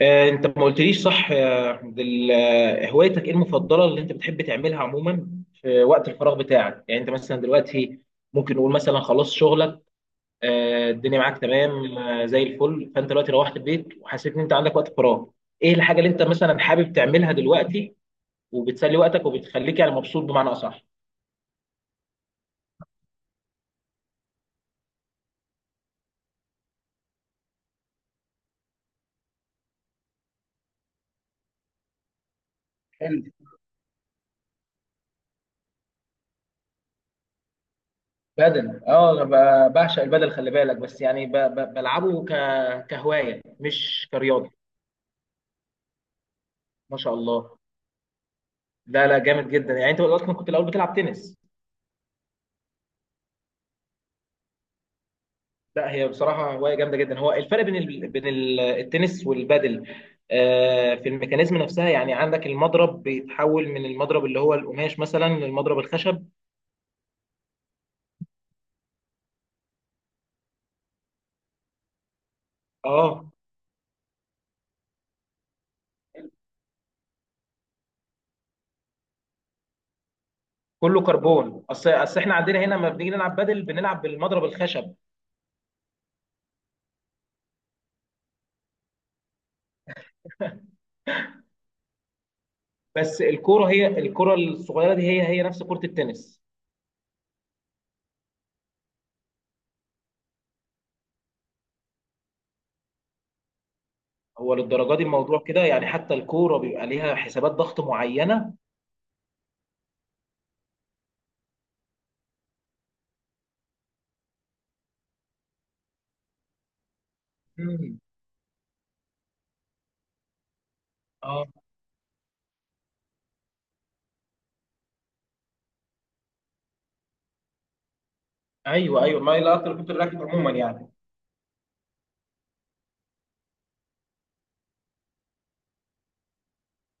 انت ما قلتليش صح يا عبد ال- آه، هوايتك ايه المفضله اللي انت بتحب تعملها عموما في وقت الفراغ بتاعك؟ يعني انت مثلا دلوقتي ممكن نقول مثلا خلصت شغلك، الدنيا معاك تمام، زي الفل، فانت دلوقتي روحت البيت وحسيت ان انت عندك وقت فراغ. ايه الحاجه اللي انت مثلا حابب تعملها دلوقتي وبتسلي وقتك وبتخليك يعني مبسوط بمعنى اصح؟ حلو. بدل، اه، انا بعشق البدل، خلي بالك، بس يعني بلعبه كهوايه مش كرياضه. ما شاء الله. لا لا، جامد جدا. يعني انت دلوقتي كنت الاول بتلعب تنس؟ لا، هي بصراحه هوايه جامده جدا. هو الفرق بين التنس والبادل، في الميكانيزم نفسها، يعني عندك المضرب بيتحول من المضرب اللي هو القماش مثلا للمضرب الخشب. اه، كله كربون. اصل احنا عندنا هنا لما بنيجي نلعب بادل بنلعب بالمضرب الخشب. بس الكوره، هي الكوره الصغيره دي، هي نفس كره التنس. هو للدرجه دي الموضوع كده؟ يعني حتى الكوره بيبقى ليها حسابات ضغط معينه؟ مم. اه. ايوه ايوه، ما هي لا، ركوب الراكب عموما يعني.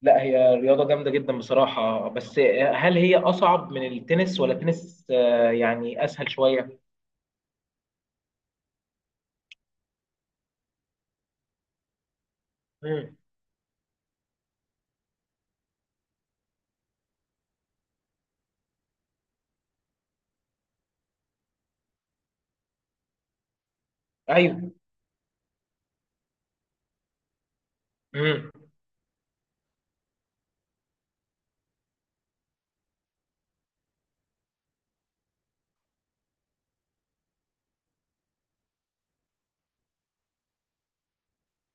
لا، هي رياضه جامده جدا بصراحه. بس هل هي اصعب من التنس ولا التنس يعني اسهل شويه؟ مم. ايوه. مم.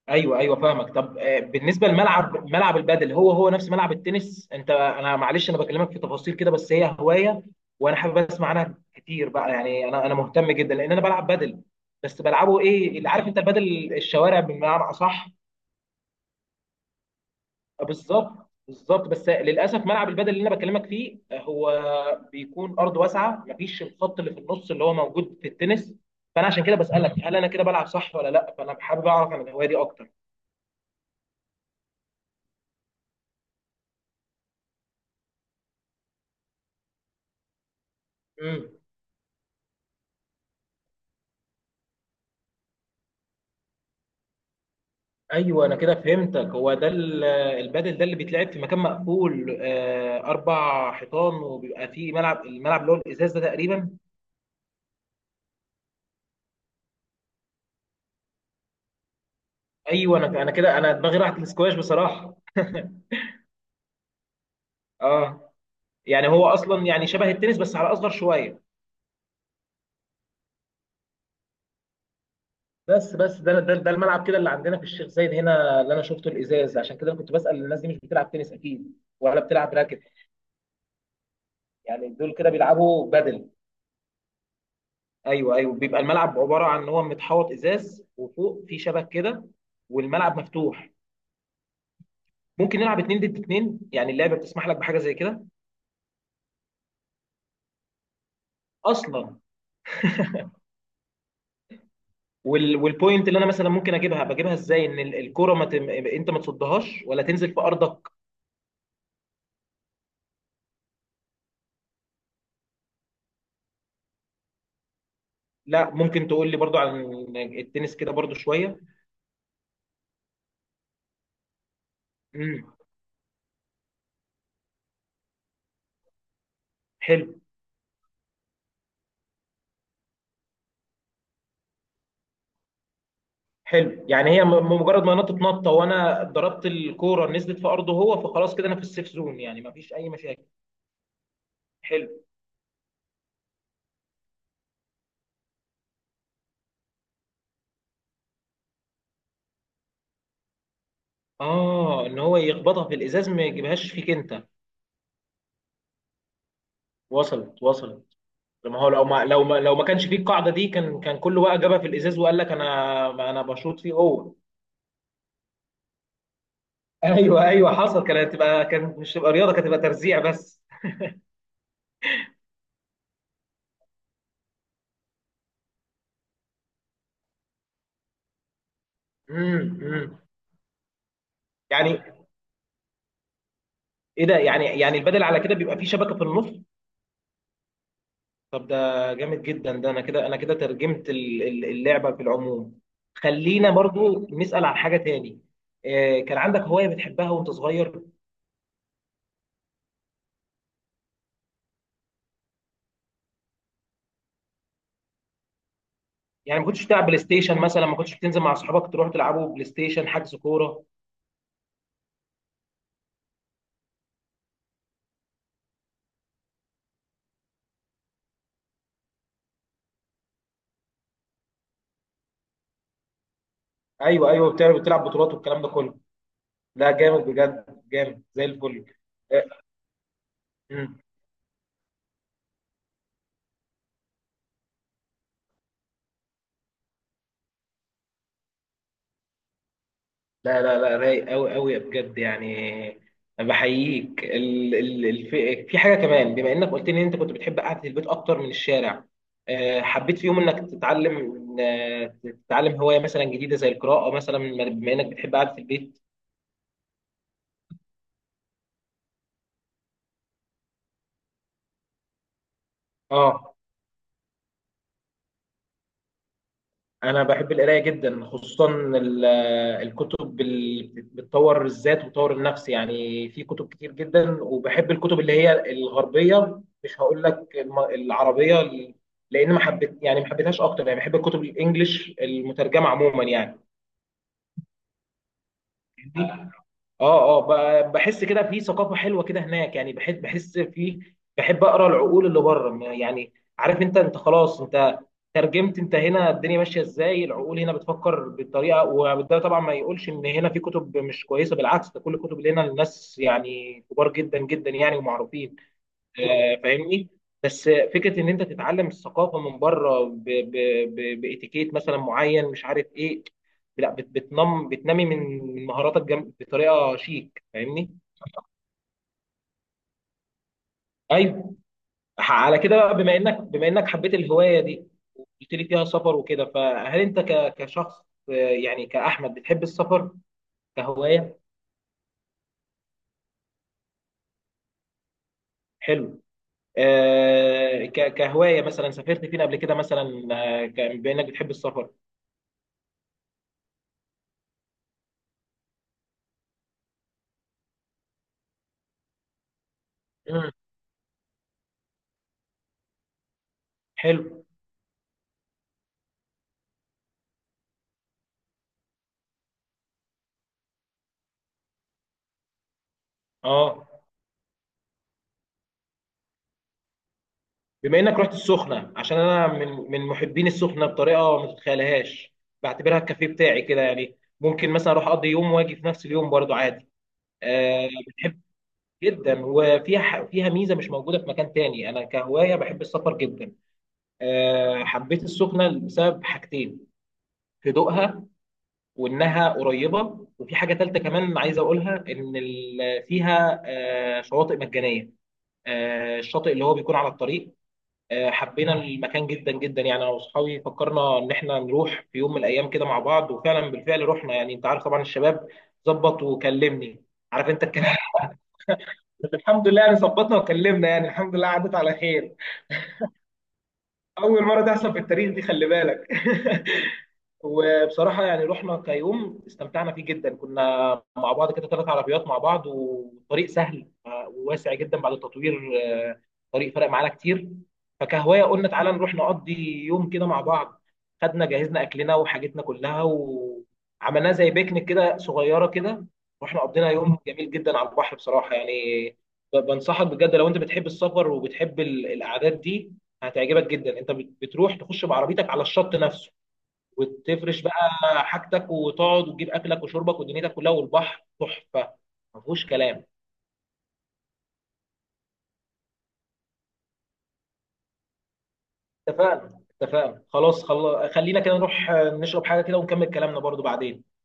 ايوه ايوه، فاهمك. طب، بالنسبه لملعب، البادل هو نفس ملعب التنس؟ انا معلش، انا بكلمك في تفاصيل كده، بس هي هوايه وانا حابب اسمع عنها كتير بقى، يعني انا مهتم جدا لان انا بلعب بادل، بس بلعبه، ايه اللي عارف انت، البادل الشوارع بمعنى اصح. بالظبط بالظبط، بس للاسف ملعب البدل اللي انا بكلمك فيه هو بيكون ارض واسعه، مفيش الخط اللي في النص اللي هو موجود في التنس. فانا عشان كده بسالك هل انا كده بلعب صح ولا لا، فانا حابب اعرف عن الهوايه دي اكتر. امم. ايوه، انا كده فهمتك، هو ده البدل ده اللي بيتلعب في مكان مقفول، اربع حيطان وبيبقى فيه الملعب اللي هو الازاز ده تقريبا. ايوه، انا كده، انا دماغي راحت للسكواش بصراحه. اه. يعني هو اصلا يعني شبه التنس بس على اصغر شويه. بس ده الملعب كده اللي عندنا في الشيخ زايد هنا اللي انا شفته الازاز، عشان كده أنا كنت بسال الناس دي مش بتلعب تنس اكيد ولا بتلعب راكت. يعني دول كده بيلعبوا بدل؟ ايوه ايوه، بيبقى الملعب عباره عن ان هو متحوط ازاز وفوق في شبك كده، والملعب مفتوح، ممكن نلعب اتنين ضد اتنين، يعني اللعبه بتسمح لك بحاجه زي كده اصلا. والبوينت اللي انا مثلا ممكن بجيبها ازاي؟ ان الكره ما تم... انت ما تصدهاش ولا تنزل في ارضك. لا ممكن تقول لي برضو عن التنس كده برضو شويه. امم. حلو حلو، يعني هي مجرد ما نطت نطه وانا ضربت الكوره نزلت في ارضه هو، فخلاص كده انا في السيف زون، يعني ما فيش اي مشاكل. حلو. اه، ان هو يخبطها في الازاز، ما يجيبهاش فيك انت. وصلت وصلت. لما هو لو ما كانش فيه القاعده دي كان كله بقى جابها في الازاز وقال لك: انا ما انا بشوط فيه هو. ايوه ايوه، حصل، كانت مش تبقى رياضه، كانت تبقى ترزيع بس. امم. امم. يعني ايه ده؟ يعني البدل على كده بيبقى فيه شبكه في النص. طب ده جامد جدا، ده انا كده ترجمت اللعبه في العموم. خلينا برضو نسال عن حاجه تاني. كان عندك هوايه بتحبها وانت صغير؟ يعني ما كنتش بتلعب بلاي ستيشن مثلا، ما كنتش بتنزل مع اصحابك تروح تلعبوا بلاي ستيشن، حجز كوره؟ ايوه ايوه، بتلعب بطولات والكلام ده كله. لا، جامد بجد، جامد زي الفل. آه، لا لا لا، رايق قوي قوي بجد يعني. بحييك. في حاجه كمان، بما انك قلت لي ان انت كنت بتحب قعده البيت اكتر من الشارع، حبيت في يوم انك تتعلم آه، هوايه مثلا جديده زي القراءه مثلا، بما انك بتحب قعده البيت؟ اه، انا بحب القرايه جدا، خصوصا الكتب اللي بتطور الذات وتطور النفس، يعني في كتب كتير جدا، وبحب الكتب اللي هي الغربيه، مش هقول لك العربيه، لان ما حبيتهاش اكتر، يعني بحب الكتب الانجليش المترجمه عموما. يعني، اه، اه، بحس كده في ثقافه حلوه كده هناك، يعني بحس، في، بحب اقرا العقول اللي بره يعني، عارف انت خلاص، انت ترجمت، انت هنا الدنيا ماشيه ازاي، العقول هنا بتفكر بالطريقه. وده طبعا ما يقولش ان هنا في كتب مش كويسه، بالعكس، ده كل الكتب اللي هنا الناس يعني كبار جدا جدا يعني، ومعروفين. فاهمني؟ بس فكره ان انت تتعلم الثقافه من بره، باتيكيت مثلا معين مش عارف ايه، لا بتنمي من مهاراتك، بطريقه شيك، فاهمني؟ ايوه. على كده بقى، بما انك، حبيت الهوايه دي وقلت لي فيها سفر وكده، فهل انت كشخص، يعني كاحمد، بتحب السفر كهوايه؟ حلو. كهوايه مثلا سافرت فين قبل كده مثلا، بما انك بتحب السفر؟ مم. حلو. اه، بما انك رحت السخنه، عشان انا من محبين السخنه بطريقه ما تتخيلهاش، بعتبرها الكافيه بتاعي كده، يعني ممكن مثلا اروح اقضي يوم واجي في نفس اليوم برضو عادي. أه، بحب جدا، وفيها، ح- فيها ميزه مش موجوده في مكان تاني، انا كهوايه بحب السفر جدا. أه، حبيت السخنه بسبب حاجتين: هدوءها وانها قريبه، وفي حاجه تالته كمان عايز اقولها، ان فيها شواطئ مجانيه، الشاطئ اللي هو بيكون على الطريق. حبينا المكان جدا جدا، يعني انا واصحابي فكرنا ان احنا نروح في يوم من الايام كده مع بعض، وفعلا بالفعل رحنا، يعني انت عارف طبعا الشباب، ظبط وكلمني، عارف انت الكلام. الحمد لله يعني، ظبطنا وكلمنا، يعني الحمد لله عدت على خير. اول مره تحصل في التاريخ دي، خلي بالك. وبصراحه يعني رحنا كيوم استمتعنا فيه جدا، كنا مع بعض كده، ثلاث عربيات مع بعض، والطريق سهل وواسع جدا بعد التطوير، آه، الطريق فرق معانا كتير. فكهوايه قلنا تعالى نروح نقضي يوم كده مع بعض، خدنا جهزنا اكلنا وحاجتنا كلها، وعملناه زي بيكنيك كده صغيره كده، واحنا قضينا يوم جميل جدا على البحر بصراحه يعني. بنصحك بجد، لو انت بتحب السفر وبتحب القعدات دي هتعجبك جدا، انت بتروح تخش بعربيتك على الشط نفسه، وتفرش بقى حاجتك وتقعد وتجيب اكلك وشربك ودنيتك كلها، والبحر تحفه ما فيهوش كلام. اتفقنا اتفقنا خلاص، خلينا كده نروح نشرب حاجه كده ونكمل كلامنا برضو بعدين.